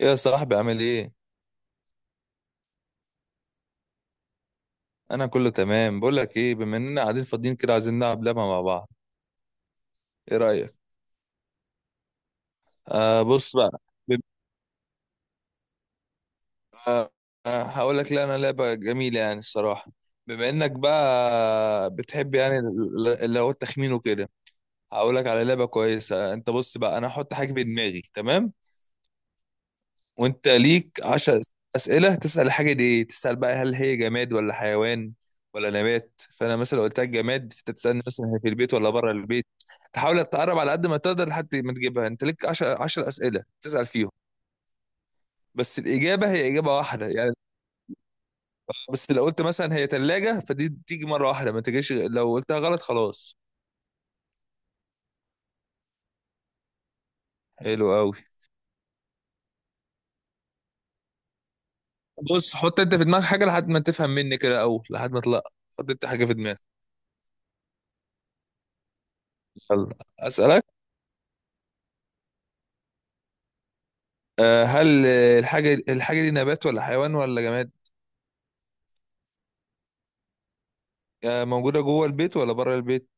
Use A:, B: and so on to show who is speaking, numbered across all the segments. A: إيه يا صاحبي، عامل ايه؟ انا كله تمام. بقول لك ايه، بما اننا قاعدين فاضيين كده، عايزين نلعب لعبه مع بعض. ايه رايك؟ آه بص بقى، بيبقى، آه هقول لك، لا انا لعبه جميله يعني الصراحه. بما انك بقى بتحب يعني اللي هو التخمين وكده. هقول لك على لعبه كويسه. انت بص بقى، انا هحط حاجه في دماغي، تمام؟ وانت ليك عشر اسئله تسال الحاجه دي ايه. تسال بقى هل هي جماد ولا حيوان ولا نبات. فانا مثلا قلت لك جماد، فانت تسالني مثلا هي في البيت ولا بره البيت. تحاول تقرب على قد ما تقدر لحد ما تجيبها. انت ليك 10 اسئله تسال فيهم. بس الاجابه هي اجابه واحده يعني. آه، بس لو قلت مثلا هي ثلاجه، فدي تيجي مره واحده، ما تجيش. لو قلتها غلط خلاص. حلو قوي. بص حط انت في دماغك حاجه لحد ما تفهم مني كده. اول لحد ما اطلع، حط انت حاجه في دماغك. يلا اسالك. آه، هل، آه، الحاجة دي نبات ولا حيوان ولا جماد؟ آه، موجودة جوه البيت ولا بره البيت؟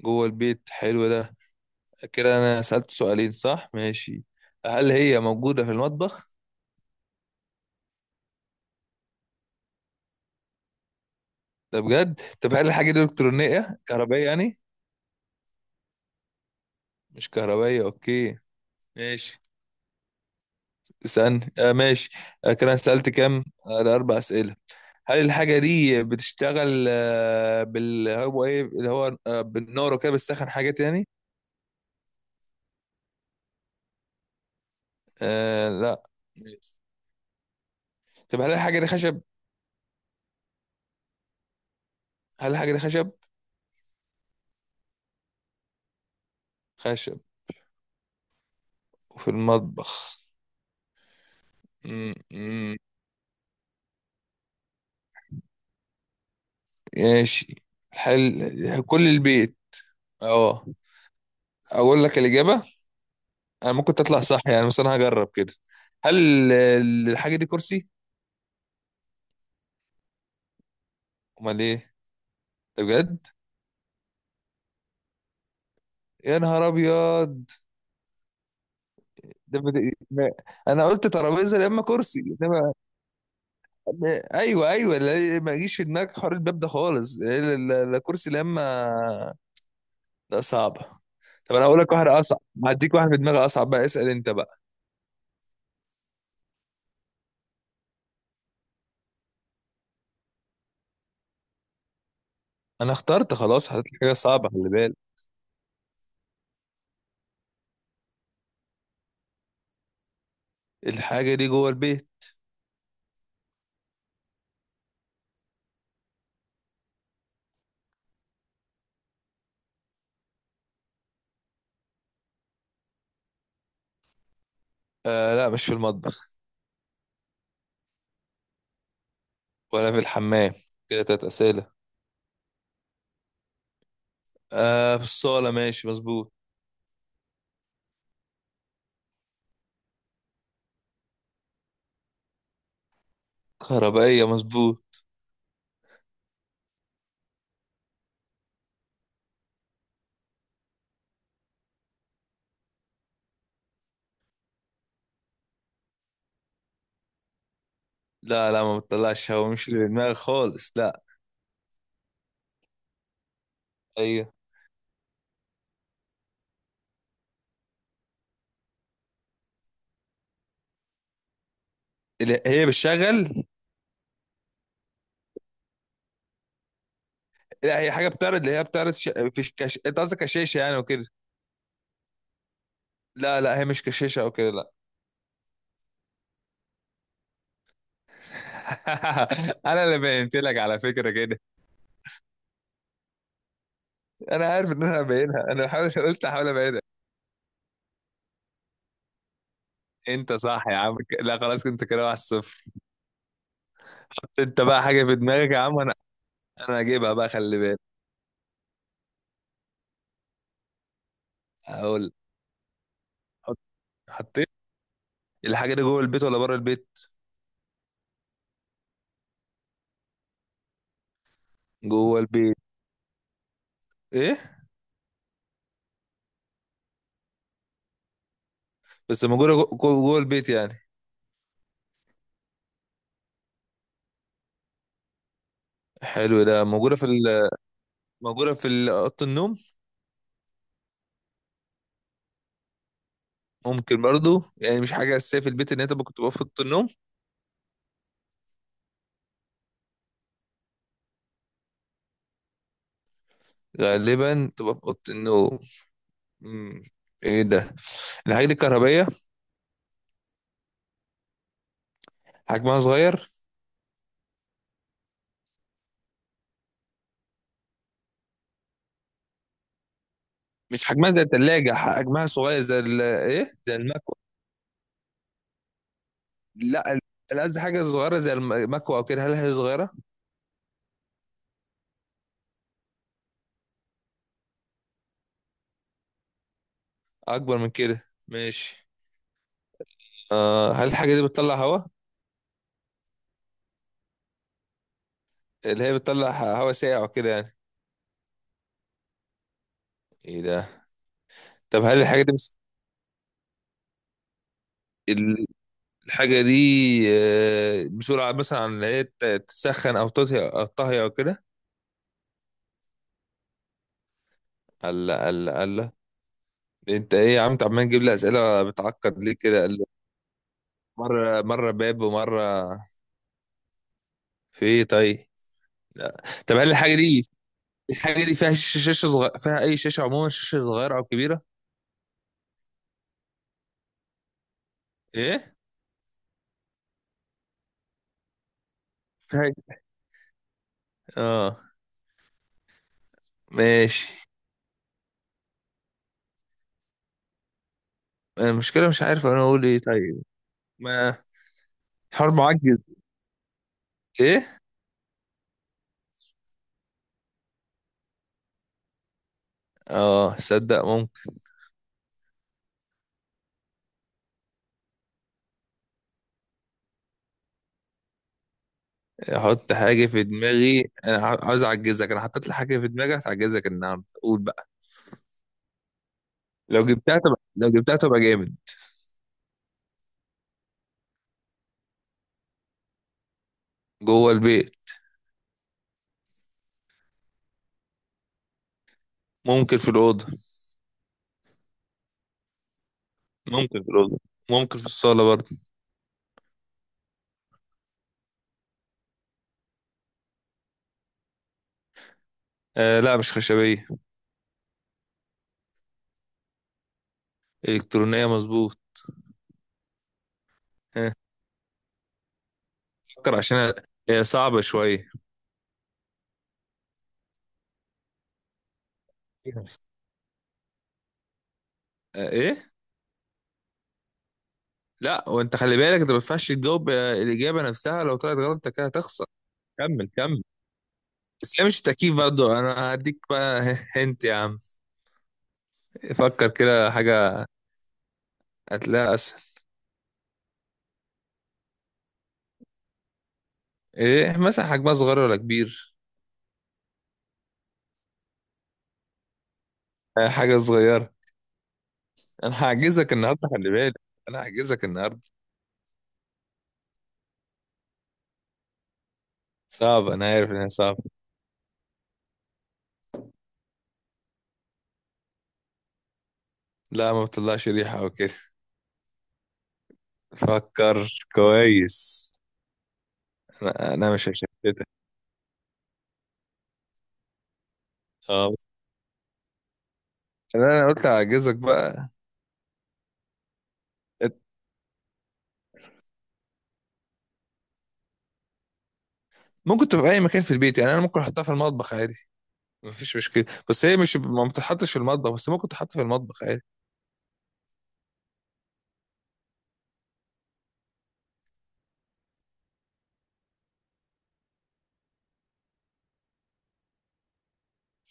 A: جوه البيت، حلو ده. كده أنا سألت سؤالين، صح؟ ماشي. هل هي موجودة في المطبخ؟ ده بجد؟ طب هل الحاجة دي إلكترونية كهربائية يعني؟ مش كهربائية، أوكي، ماشي. اسألني. آه، ماشي. آه كده أنا سألت كام؟ آه ده أربع أسئلة. هل الحاجة دي بتشتغل، آه، بال، هو إيه اللي هو، آه، بالنار وكده، بتسخن حاجات يعني؟ آه لا. طب هل الحاجة دي خشب؟ هل الحاجة دي خشب؟ خشب، وفي المطبخ. م- م- ماشي. هل كل البيت؟ اه. اقول لك الإجابة. انا ممكن تطلع صح يعني، بس انا هجرب كده. هل الحاجة دي كرسي؟ امال ايه؟ ده بجد؟ يا نهار ابيض. ده بد... ما- انا قلت ترابيزة يا اما كرسي، انما. ايوه ايوه، لا ما يجيش في دماغك حوار الباب ده خالص. إيه، لا لا كرسي لا اما، لا صعبة. طب انا هقول لك واحدة اصعب. هديك واحد في دماغي اصعب بقى، اسأل انت بقى. انا اخترت خلاص، حطيت لي حاجه صعبه، خلي بالك. الحاجه دي جوه البيت. آه لا مش في المطبخ. ولا في الحمام. كده تلات اسئله. آه في الصاله، ماشي مظبوط. كهربائيه مظبوط. لا لا ما بتطلعش هوا، مش اللي في دماغي خالص لا. هي، لا، هي بتشغل. لا هي حاجه بتعرض، اللي هي بتعرض ش... في كش... انت قصدك كشاشه يعني وكده. لا لا هي مش كشاشه او كده، لا. انا اللي بينت لك على فكره كده. انا عارف ان هبينها، انا حاول، قلت احاول ابينها. انت صح يا عم. لا خلاص انت كده 1-0. انت بقى حاجه في دماغك يا عم. انا هجيبها بقى، خلي بالك. هقول. حط- حطيت. الحاجه دي جوه البيت ولا بره البيت؟ جوه البيت. ايه؟ بس موجوده جوه البيت يعني. حلو ده. موجوده في ال... موجوده في اوضه النوم. ممكن برضو يعني، مش حاجه اساسيه في البيت ان انت ممكن تبقى في اوضه النوم. غالبا تبقى في اوضه النوم. مم. ايه ده. الحاجه دي كهربائيه. حجمها صغير. مش حجمها زي الثلاجه، حجمها صغير زي ال... ايه زي المكوى. لا انا قصدي حاجه صغيره زي المكوى او كده. هل هي صغيره؟ اكبر من كده، ماشي. آه هل الحاجه دي بتطلع هواء؟ اللي هي بتطلع هواء ساقع وكده يعني. ايه ده؟ طب هل الحاجه دي بس ال- الحاجه دي، آه، بسرعه مثلا، عن اللي هي تسخن او تطهي او كده؟ الله الله الله. انت ايه يا عم، انت عمال تجيب لي اسئله بتعقد ليه كده؟ قال لي، مره مره باب، ومره. في ايه طيب. لا. طب هل الحاجه دي، الحاجه دي فيها شاشه صغيره، فيها اي شاشه عموما، شاشه صغيره او كبيره؟ ايه فيها اه، ماشي. المشكلة مش عارف انا اقول ايه طيب. ما حوار معجز. ايه، اه صدق ممكن. احط حاجة في دماغي. انا عاوز اعجزك. انا حطيت لي حاجة في دماغي هتعجزك النهاردة، قول بقى. لو جبتها تبقى جامد. جوه البيت. ممكن في الأوضة ممكن في الأوضة. ممكن في الصالة برضه. آه لا مش خشبية. إلكترونية مظبوط. آه، فكر، عشان هي صعبة شوية. آه ايه. لا وانت خلي بالك، انت ما ينفعش تجاوب، آه، الإجابة نفسها لو طلعت غلط انت كده هتخسر. كمل كمل. بس هي مش تأكيد برضه، انا هديك بقى. هنت يا عم. فكر كده حاجة هتلاقيها اسهل. ايه مثلا، حجمها صغير ولا كبير؟ آه، حاجة صغيرة. انا هعجزك النهاردة خلي بالك. انا هعجزك النهاردة. صعب، انا عارف انها صعبة. لا ما بتطلعش ريحة او كده. فكر كويس. انا مش هشتتك. اه انا، قلت هعجزك بقى. ممكن تبقى في اي مكان في البيت يعني، انا ممكن احطها في المطبخ عادي، مفيش مشكلة. بس هي مش، ما بتتحطش في المطبخ، بس ممكن تحط في المطبخ عادي.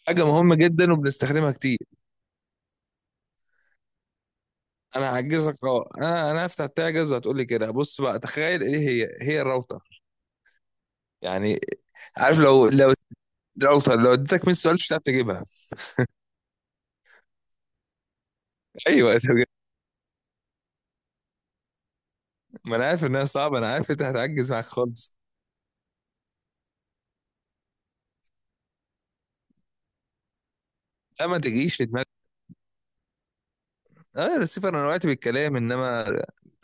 A: حاجة مهمة جدا وبنستخدمها كتير. انا هعجزك. اه انا هفتح تعجز وهتقولي كده. بص بقى، تخيل ايه، هي الراوتر يعني. عارف، لو الراوتر لو اديتك 100 سؤال مش هتعرف تجيبها. ايوه أنت بجد. ما انا عارف انها صعبة، انا عارف انت هتعجز معاك خالص. لا ما تجيش في دماغك، اه الرسيفر انا وقعت بالكلام، انما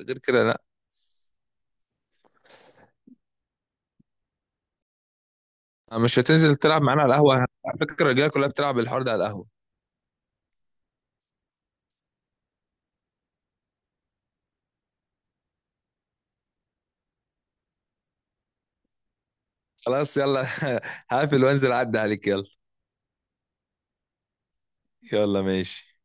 A: غير كده لا. آه، مش هتنزل تلعب معانا على القهوة؟ على فكرة الرجالة كلها بتلعب الحوار ده على القهوة. خلاص يلا. هقفل وانزل اعدي عليك. يلا يلا ماشي.